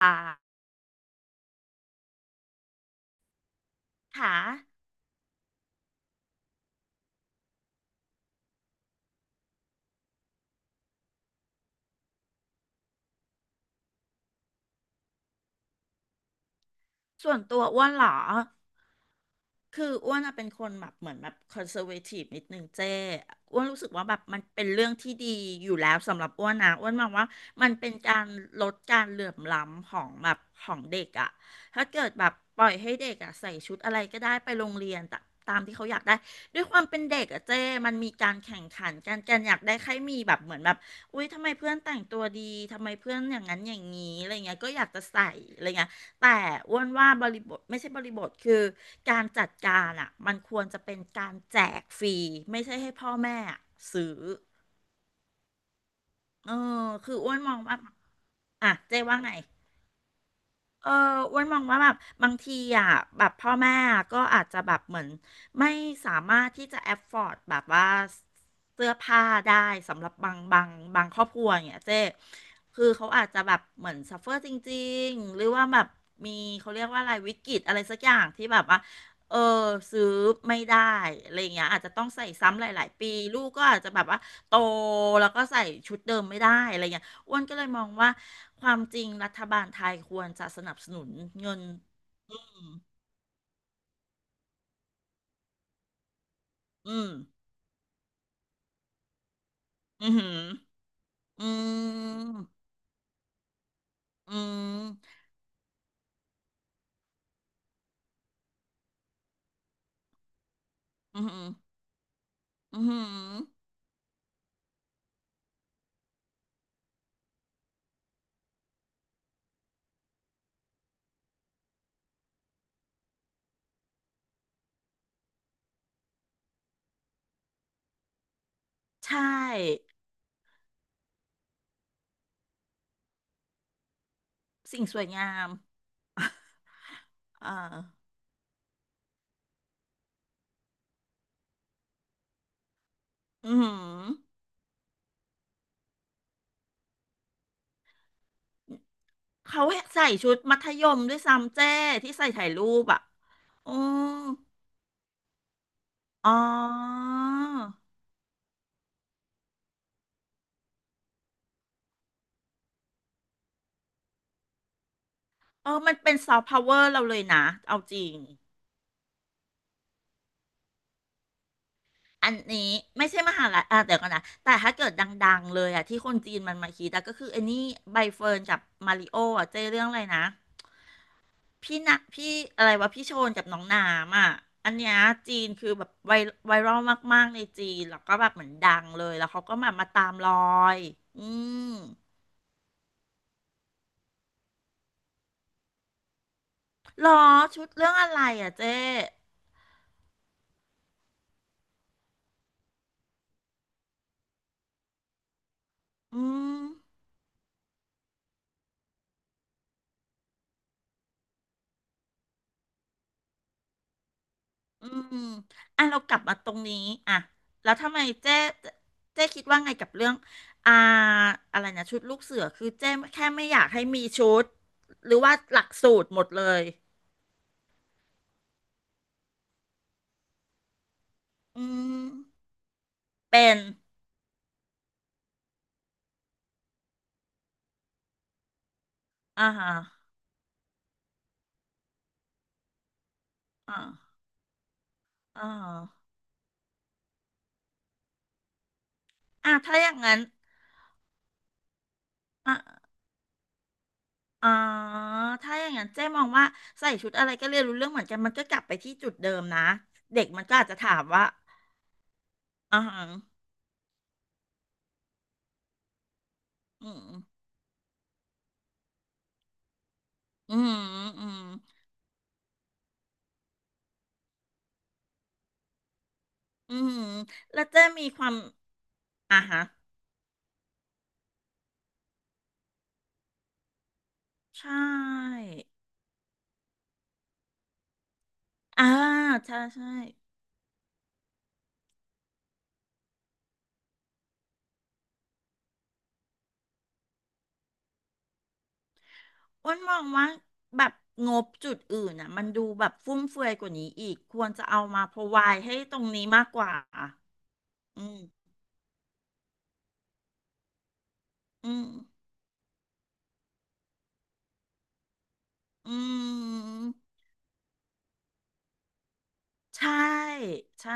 ค่ะค่ะ ส่วนตัวอ้วนเหรอคืออ้วนอะเป็นคนแบบเหมือนแบบคอนเซอร์เวทีฟนิดนึงเจ้อ้วนรู้สึกว่าแบบมันเป็นเรื่องที่ดีอยู่แล้วสำหรับอ้วนนะอ้วนมองว่ามันเป็นการลดการเหลื่อมล้ำของแบบของเด็กอะถ้าเกิดแบบปล่อยให้เด็กอะใส่ชุดอะไรก็ได้ไปโรงเรียนตามที่เขาอยากได้ด้วยความเป็นเด็กอะเจ้มันมีการแข่งขันกันอยากได้ใครมีแบบเหมือนแบบอุ้ยทำไมเพื่อนแต่งตัวดีทำไมเพื่อนอย่างนั้นอย่างนี้อะไรเงี้ยก็อยากจะใส่อะไรเงี้ย แต่อ้วนว่าบริบทไม่ใช่บริบทคือการจัดการอ่ะมันควรจะเป็นการแจกฟรีไม่ใช่ให้พ่อแม่อะซื้อเออคืออ้วนมองว่าอ่ะเจ๊ว่าไง เอออ้วนมองว่าแบบบางทีอ่ะแบบพ่อแม่ก็อาจจะแบบเหมือนไม่สามารถที่จะแอ f o อ d ดแบบว่าเสื้อผ้าได้สำหรับบางครอบครัวอย่างเงี้ยเจ๊คือเขาอาจจะแบบเหมือน suffer จริงๆหรือว่าแบบมีเขาเรียกว่าอะไรวิกฤตอะไรสักอย่างที่แบบว่าเออซื้อไม่ได้อะไรอย่างเงี้ยอาจจะต้องใส่ซ้ำหลายๆปีลูกก็อาจจะแบบว่าโตแล้วก็ใส่ชุดเดิมไม่ได้อะไรอย่างเงี้ย อ้วนก็เลยมองว่าความจริงรัฐบาลไทยควรจะสนับสนุนเงินอืม อืม อืม อืม อืม อืมอืมใช่ สิ่งสวยงามเอ่ออืม เขาใส่ชุดมัธยมด้วยซ้ำเจ้ที่ใส่ถ่ายรูปอ่ะอืมอ๋อเออ มันเป็นซอฟต์พาวเวอร์เราเลยนะ เอาจริง อันนี้ไม่ใช่มหาลัยอ่ะเดี๋ยวก่อนนะแต่ถ้าเกิดดังๆเลยอ่ะที่คนจีนมันมาคิดอะก็คือไอ้นี่ใบเฟิร์นกับมาริโออ่ะเจเรื่องอะไรนะพี่นะพี่อะไรวะพี่โชนกับน้องนามอ่ะอันเนี้ยจีนคือแบบไวรัลมากๆในจีนแล้วก็แบบเหมือนดังเลยแล้วเขาก็มาตามรอยอืมหรอชุดเรื่องอะไรอ่ะเจ๊อืม อืมอ่ะเรากลับมาตรงนี้อ่ะแล้วทำไมเจ๊เจ๊คิดว่าไงกับเรื่องอ่าอะไรนะชุดลูกเสือคือเจ๊แค่ไม่อยากให้มีชุดหรือว่าหลักสูตรหมดเลยอืมเป็นอ่าฮะอ่าอ่าอ่ะถ้าอย่างนั้นอ่าอ่าถ้าอย่างนั้นเจ๊มองว่าใส่ชุดอะไรก็เรียนรู้เรื่องเหมือนกันมันก็กลับไปที่จุดเดิมนะเด็กมันก็อาจจะถามว่าอ่าฮะอืม อืมอืม อืมแล้วเจ๊มีความอ่ะฮะใช่อ่าใช่ใช่อ้วนมองว่าแบบงบจุดอื่นอ่ะมันดูแบบฟุ่มเฟือยกว่านี้อีกควรจะเอามา provide ให้ตรงนี้มากกว่า อืมอืมอืมใช่ ใช่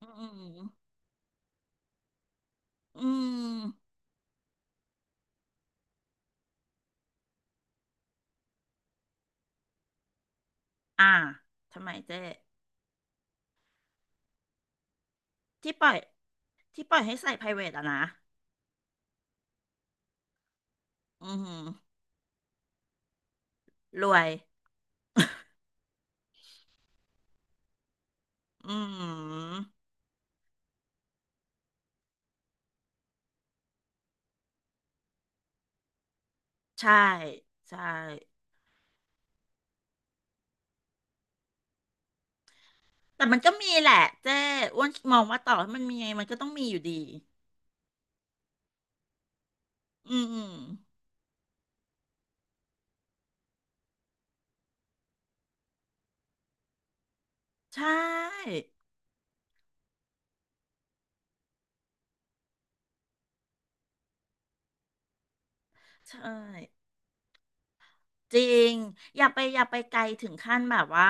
อืมอืมอ่าทำไมเจ๊ที่ปล่อยที่ปล่อยให้ใส่ private อ่ะนะอืมรวย อืมใช่ ใช่ แต่มันก็มีแหละเจ้อ้วนมองว่าต่อให้มันมีไงมันก็ต้องมีอยู่ดีอืมอืมใช่ใช่ จริงอย่าไปไกลถึงขั้นแบบว่า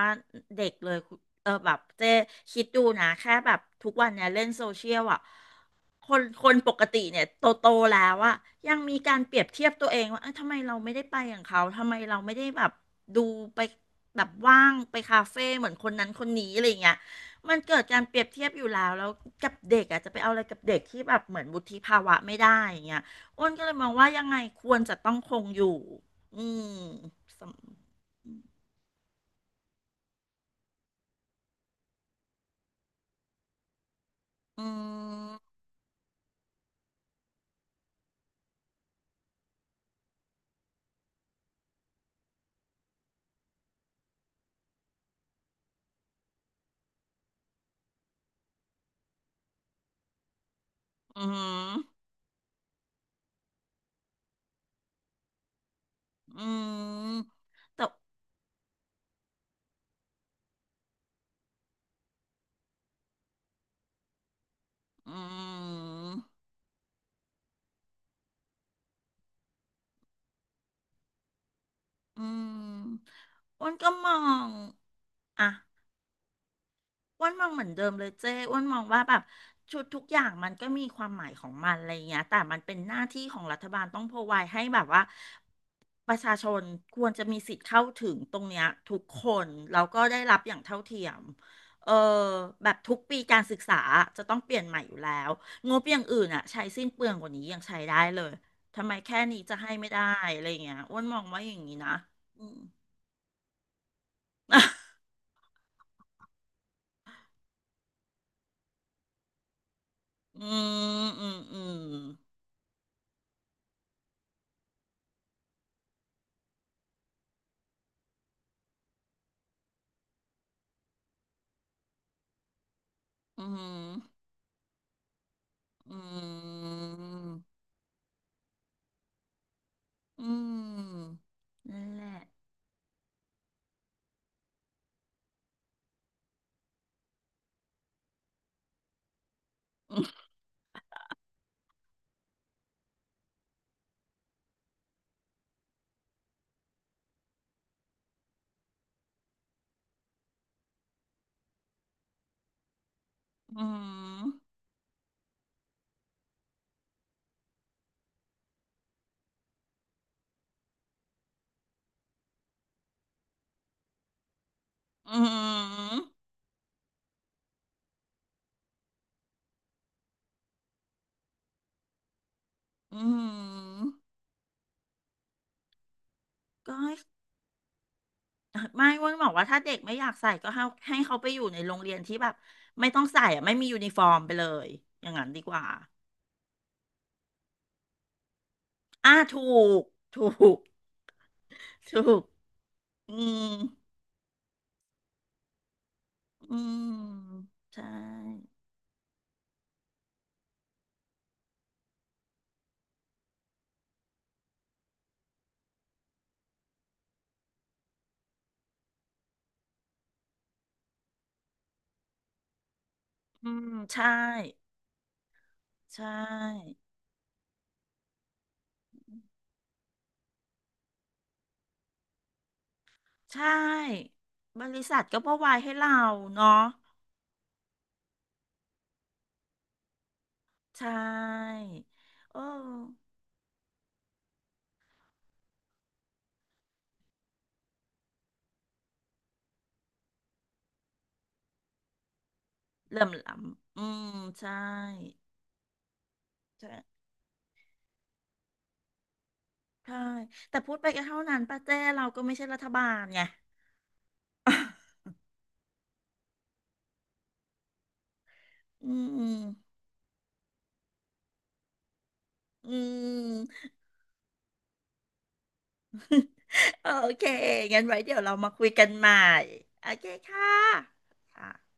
เด็กเลยคุณเออแบบเจ๊คิดดูนะแค่แบบทุกวันเนี่ยเล่นโซเชียลอ่ะคนคนปกติเนี่ยโตโตแล้วอ่ะยังมีการเปรียบเทียบตัวเองว่าเอ้ยทำไมเราไม่ได้ไปอย่างเขาทำไมเราไม่ได้แบบดูไปแบบว่างไปคาเฟ่เหมือนคนนั้นคนนี้อะไรอย่างเงี้ยมันเกิดการเปรียบเทียบอยู่แล้วกับเด็กอ่ะจะไปเอาอะไรกับเด็กที่แบบเหมือนวุฒิภาวะไม่ได้อย่างเงี้ยอ้วนก็เลยมองว่ายังไงควรจะต้องคงอยู่ อืมสำอืมอืมอืมแต่อืมอืมอ้วนก็มองอ่ะ อ้วนมองเหมือนเดิมเลยเจ้อ้วนมองว่าแบบชุดทุกอย่างมันก็มีความหมายของมันอะไรอย่างเงี้ยแต่มันเป็นหน้าที่ของรัฐบาลต้อง r o v i d e ให้แบบว่าประชาชนควรจะมีสิทธิ์เข้าถึงตรงเนี้ยทุกคนแล้วก็ได้รับอย่างเท่าเทียมเออแบบทุกปีการศึกษาจะต้องเปลี่ยนใหม่อยู่แล้วงบอย่างอื่นอ่ะใช้สิ้นเปลืองกว่านี้ยังใช้ได้เลยทำไมแค่นี้จะให้ไม่ได้อะไรอย่างเงี้ยอ้วนมองว่าอย่างนี้นะอืม อืมอืมอืมอืม อืมอืมนั่นแหละอืมอืมอืมก็ให้ไม่เวาบอกว่าถ้าเด็กไม่อยากใส่ก็ให้ให้เขาไปอยู่ในโรงเรียนที่แบบไม่ต้องใส่อะไม่มียูนิฟอร์มไปเลยอย่างนั้นดีกว่าอ่าถูกถูกถูกอืมอืมใช่อืมใช่ใช่ใช่บริษัทก็พรอไวให้เราเนาะ ใช่โอ้เหลื่อมล้ำอืมใช่ใช่ใช่ แต่พูดไปก็เท่านั้นป้าเจ้เราก็ไม่ใช่รัฐบาลไง อืมอืมโอเค งั้นไว้เดี๋ยวเรามาคุยกันใหม่ โอเคค่ะค่ะ